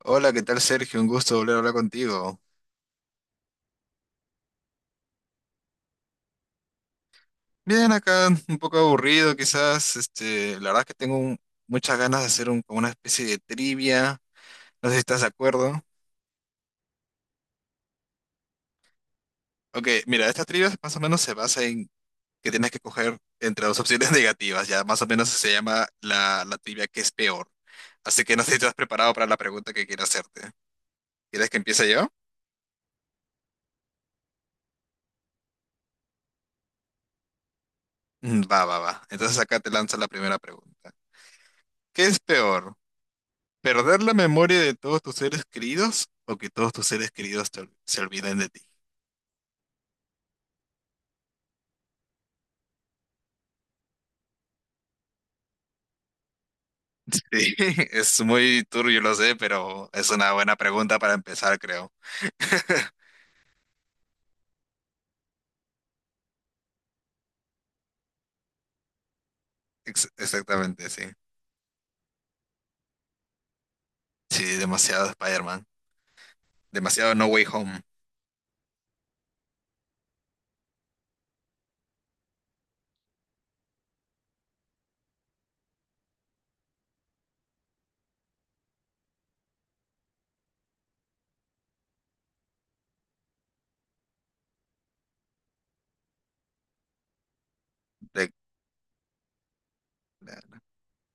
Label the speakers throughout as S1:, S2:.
S1: Hola, ¿qué tal Sergio? Un gusto volver a hablar contigo. Bien, acá un poco aburrido quizás. La verdad es que muchas ganas de hacer como una especie de trivia. No sé si estás de acuerdo. Ok, mira, esta trivia más o menos se basa en que tienes que coger entre dos opciones negativas. Ya más o menos se llama la trivia que es peor. Así que no sé si estás preparado para la pregunta que quiero hacerte. ¿Quieres que empiece yo? Mm, va. Entonces acá te lanzo la primera pregunta. ¿Qué es peor? ¿Perder la memoria de todos tus seres queridos o que todos tus seres queridos se olviden de ti? Sí, es muy turbio, lo sé, pero es una buena pregunta para empezar, creo. Exactamente, sí. Sí, demasiado Spider-Man. Demasiado No Way Home. De-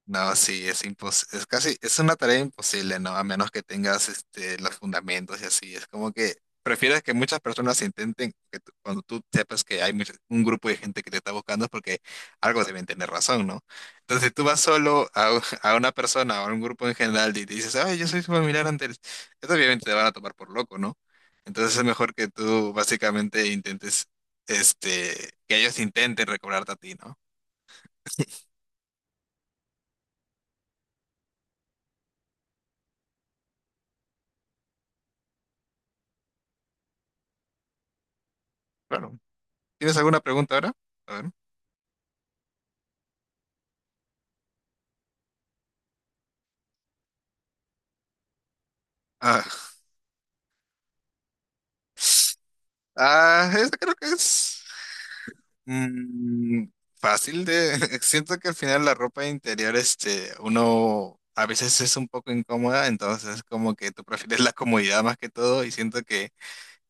S1: No, sí, es casi, es una tarea imposible, ¿no? A menos que tengas este, los fundamentos y así. Es como que prefieres que muchas personas intenten, cuando tú sepas que hay un grupo de gente que te está buscando es porque algo deben tener razón, ¿no? Entonces, si tú vas solo a, a una persona o a un grupo en general y te dices, ay, yo soy familiar antes, esto obviamente te van a tomar por loco, ¿no? Entonces es mejor que tú básicamente intentes, este, que ellos intenten recobrarte a ti, ¿no? Claro. ¿Tienes alguna pregunta ahora? A ver. Ah, ah, esta creo que es mm, fácil de... Siento que al final la ropa interior, este, uno a veces es un poco incómoda, entonces como que tú prefieres la comodidad más que todo y siento que,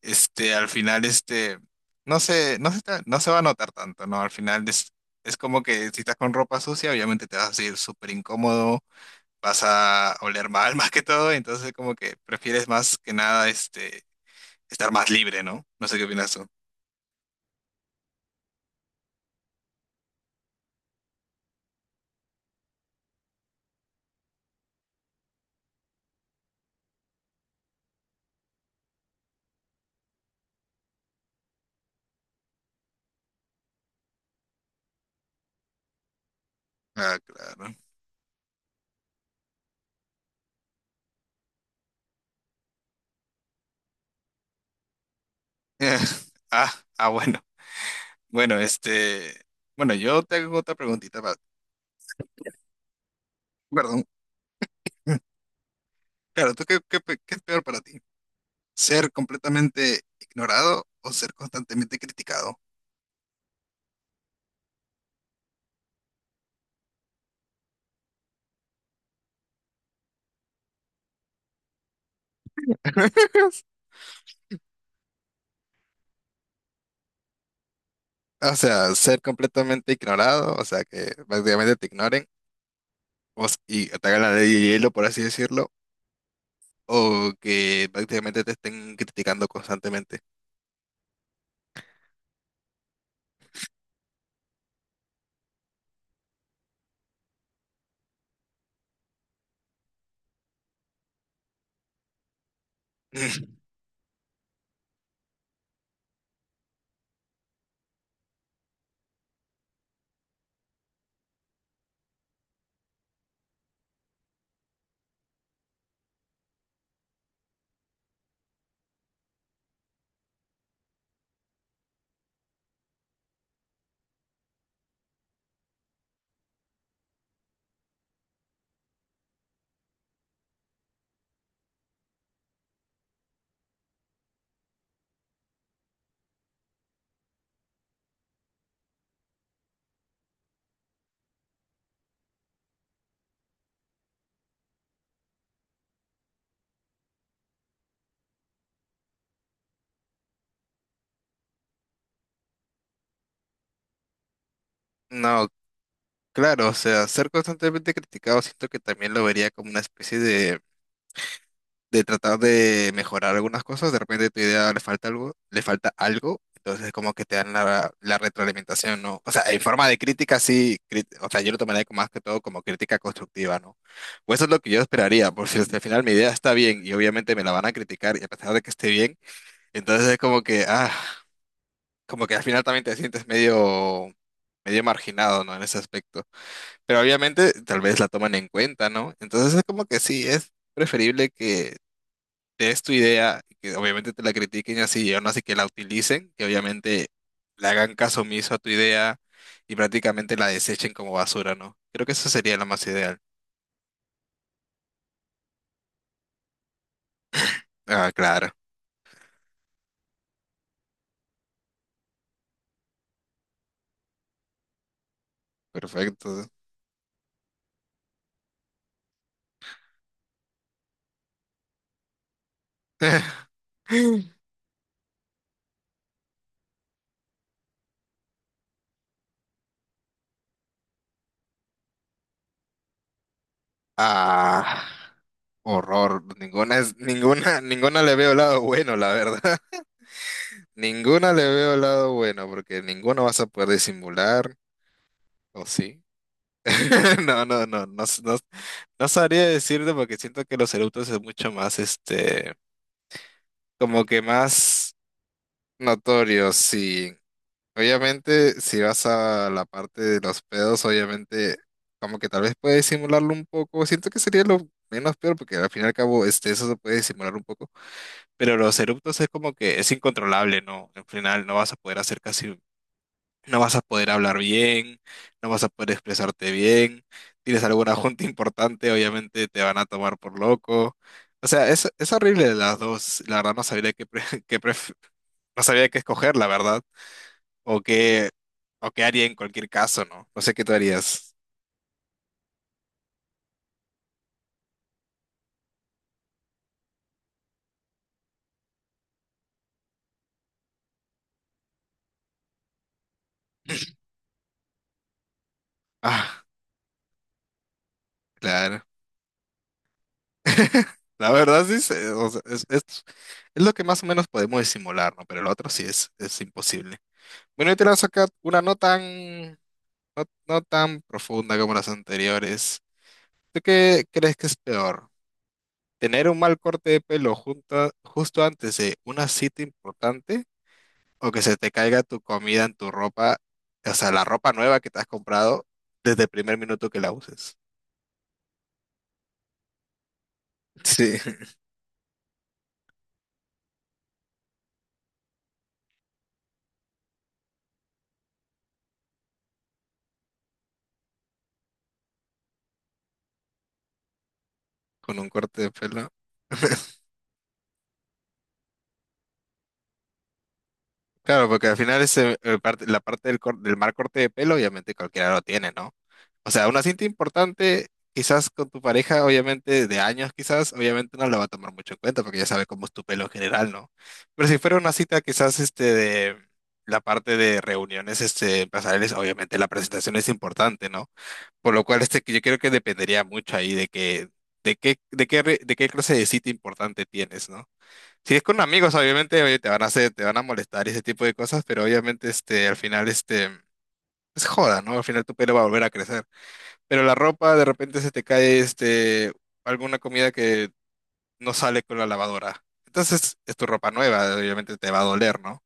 S1: este, al final, este, no se va a notar tanto, ¿no? Al final es como que si estás con ropa sucia, obviamente te vas a sentir súper incómodo, vas a oler mal más que todo, entonces como que prefieres más que nada, este, estar más libre, ¿no? No sé qué opinas tú. Ah, claro. Eh, ah, ah, bueno. Bueno, este. Bueno, yo te hago otra preguntita. Va. Perdón. Claro, ¿tú qué, qué, pe- qué es peor para ti? ¿Ser completamente ignorado o ser constantemente criticado? O sea, ser completamente ignorado, o sea, que prácticamente te ignoren y te hagan la ley de hielo, por así decirlo, o que prácticamente te estén criticando constantemente. No, claro, o sea, ser constantemente criticado siento que también lo vería como una especie de tratar de mejorar algunas cosas, de repente tu idea le falta algo, entonces como que te dan la retroalimentación, ¿no? O sea, en forma de o sea, yo lo tomaría como- más que todo como crítica constructiva, ¿no? O eso es lo que yo esperaría, por si al final mi idea está bien y obviamente me la van a criticar y a pesar de que esté bien, entonces es como que, ah, como que al final también te sientes medio... medio marginado, ¿no? En ese aspecto. Pero obviamente tal vez la toman en cuenta, ¿no? Entonces es como que sí, es preferible que es tu idea, que obviamente te la critiquen y así, y aún así que la utilicen, que obviamente le hagan caso omiso a tu idea y prácticamente la desechen como basura, ¿no? Creo que eso sería lo más ideal. Ah, claro, perfecto. Ah, horror. Ninguna, ninguna le veo lado bueno, la verdad. Ninguna le veo lado bueno, porque ninguno vas a poder disimular, ¿o sí? No, no, no, no, no, no sabría decirte porque siento que los eructos es mucho más este, como que más notorio, sí. Obviamente, si vas a la parte de los pedos, obviamente, como que tal vez puedes simularlo un poco. Siento que sería lo menos peor, porque al fin y al cabo, este, eso se puede simular un poco. Pero los eruptos es como que es incontrolable, ¿no? Al final no vas a poder hacer casi no vas a poder hablar bien, no vas a poder expresarte bien. Tienes alguna junta importante, obviamente te van a tomar por loco. O sea, es horrible las dos. La verdad no sabría no sabría qué escoger, la verdad. O qué, o qué haría en cualquier caso, ¿no? No sé qué tú harías. Ah, claro. La verdad sí, se- o sea, es lo que más o menos podemos disimular, ¿no? Pero el otro sí es imposible. Bueno, yo te lanzo acá una nota. No, no tan profunda como las anteriores. ¿Tú qué crees que es peor? ¿Tener un mal corte de pelo justo antes de una cita importante? ¿O que se te caiga tu comida en tu ropa, o sea, la ropa nueva que te has comprado desde el primer minuto que la uses? Sí, con un corte de pelo. Claro, porque al final ese, la parte del, del mal corte de pelo, obviamente cualquiera lo tiene, ¿no? O sea, una cinta importante, quizás con tu pareja, obviamente de años, quizás, obviamente no la va a tomar mucho en cuenta porque ya sabe cómo es tu pelo en general, ¿no? Pero si fuera una cita, quizás este de la parte de reuniones este, empresariales, obviamente la presentación es importante, ¿no? Por lo cual este, que yo creo que dependería mucho ahí de que, de qué clase de cita importante tienes, ¿no? Si es con amigos, obviamente, oye, te van a hacer, te van a molestar y ese tipo de cosas, pero obviamente, este, al final, este, es joda, ¿no? Al final tu pelo va a volver a crecer. Pero la ropa, de repente se te cae, este, alguna comida que no sale con la lavadora. Entonces, es tu ropa nueva, obviamente te va a doler, ¿no?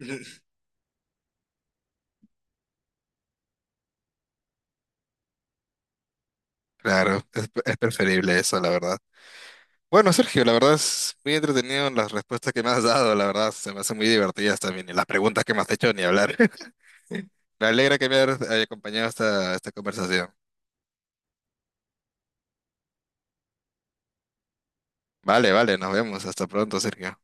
S1: Ujú. Claro, es preferible eso, la verdad. Bueno, Sergio, la verdad es muy entretenido las respuestas que me has dado, la verdad, se me hacen muy divertidas también, y las preguntas que me has hecho, ni hablar. Me alegra que me hayas acompañado a esta, esta conversación. Vale, vale, nos vemos. Hasta pronto, Sergio.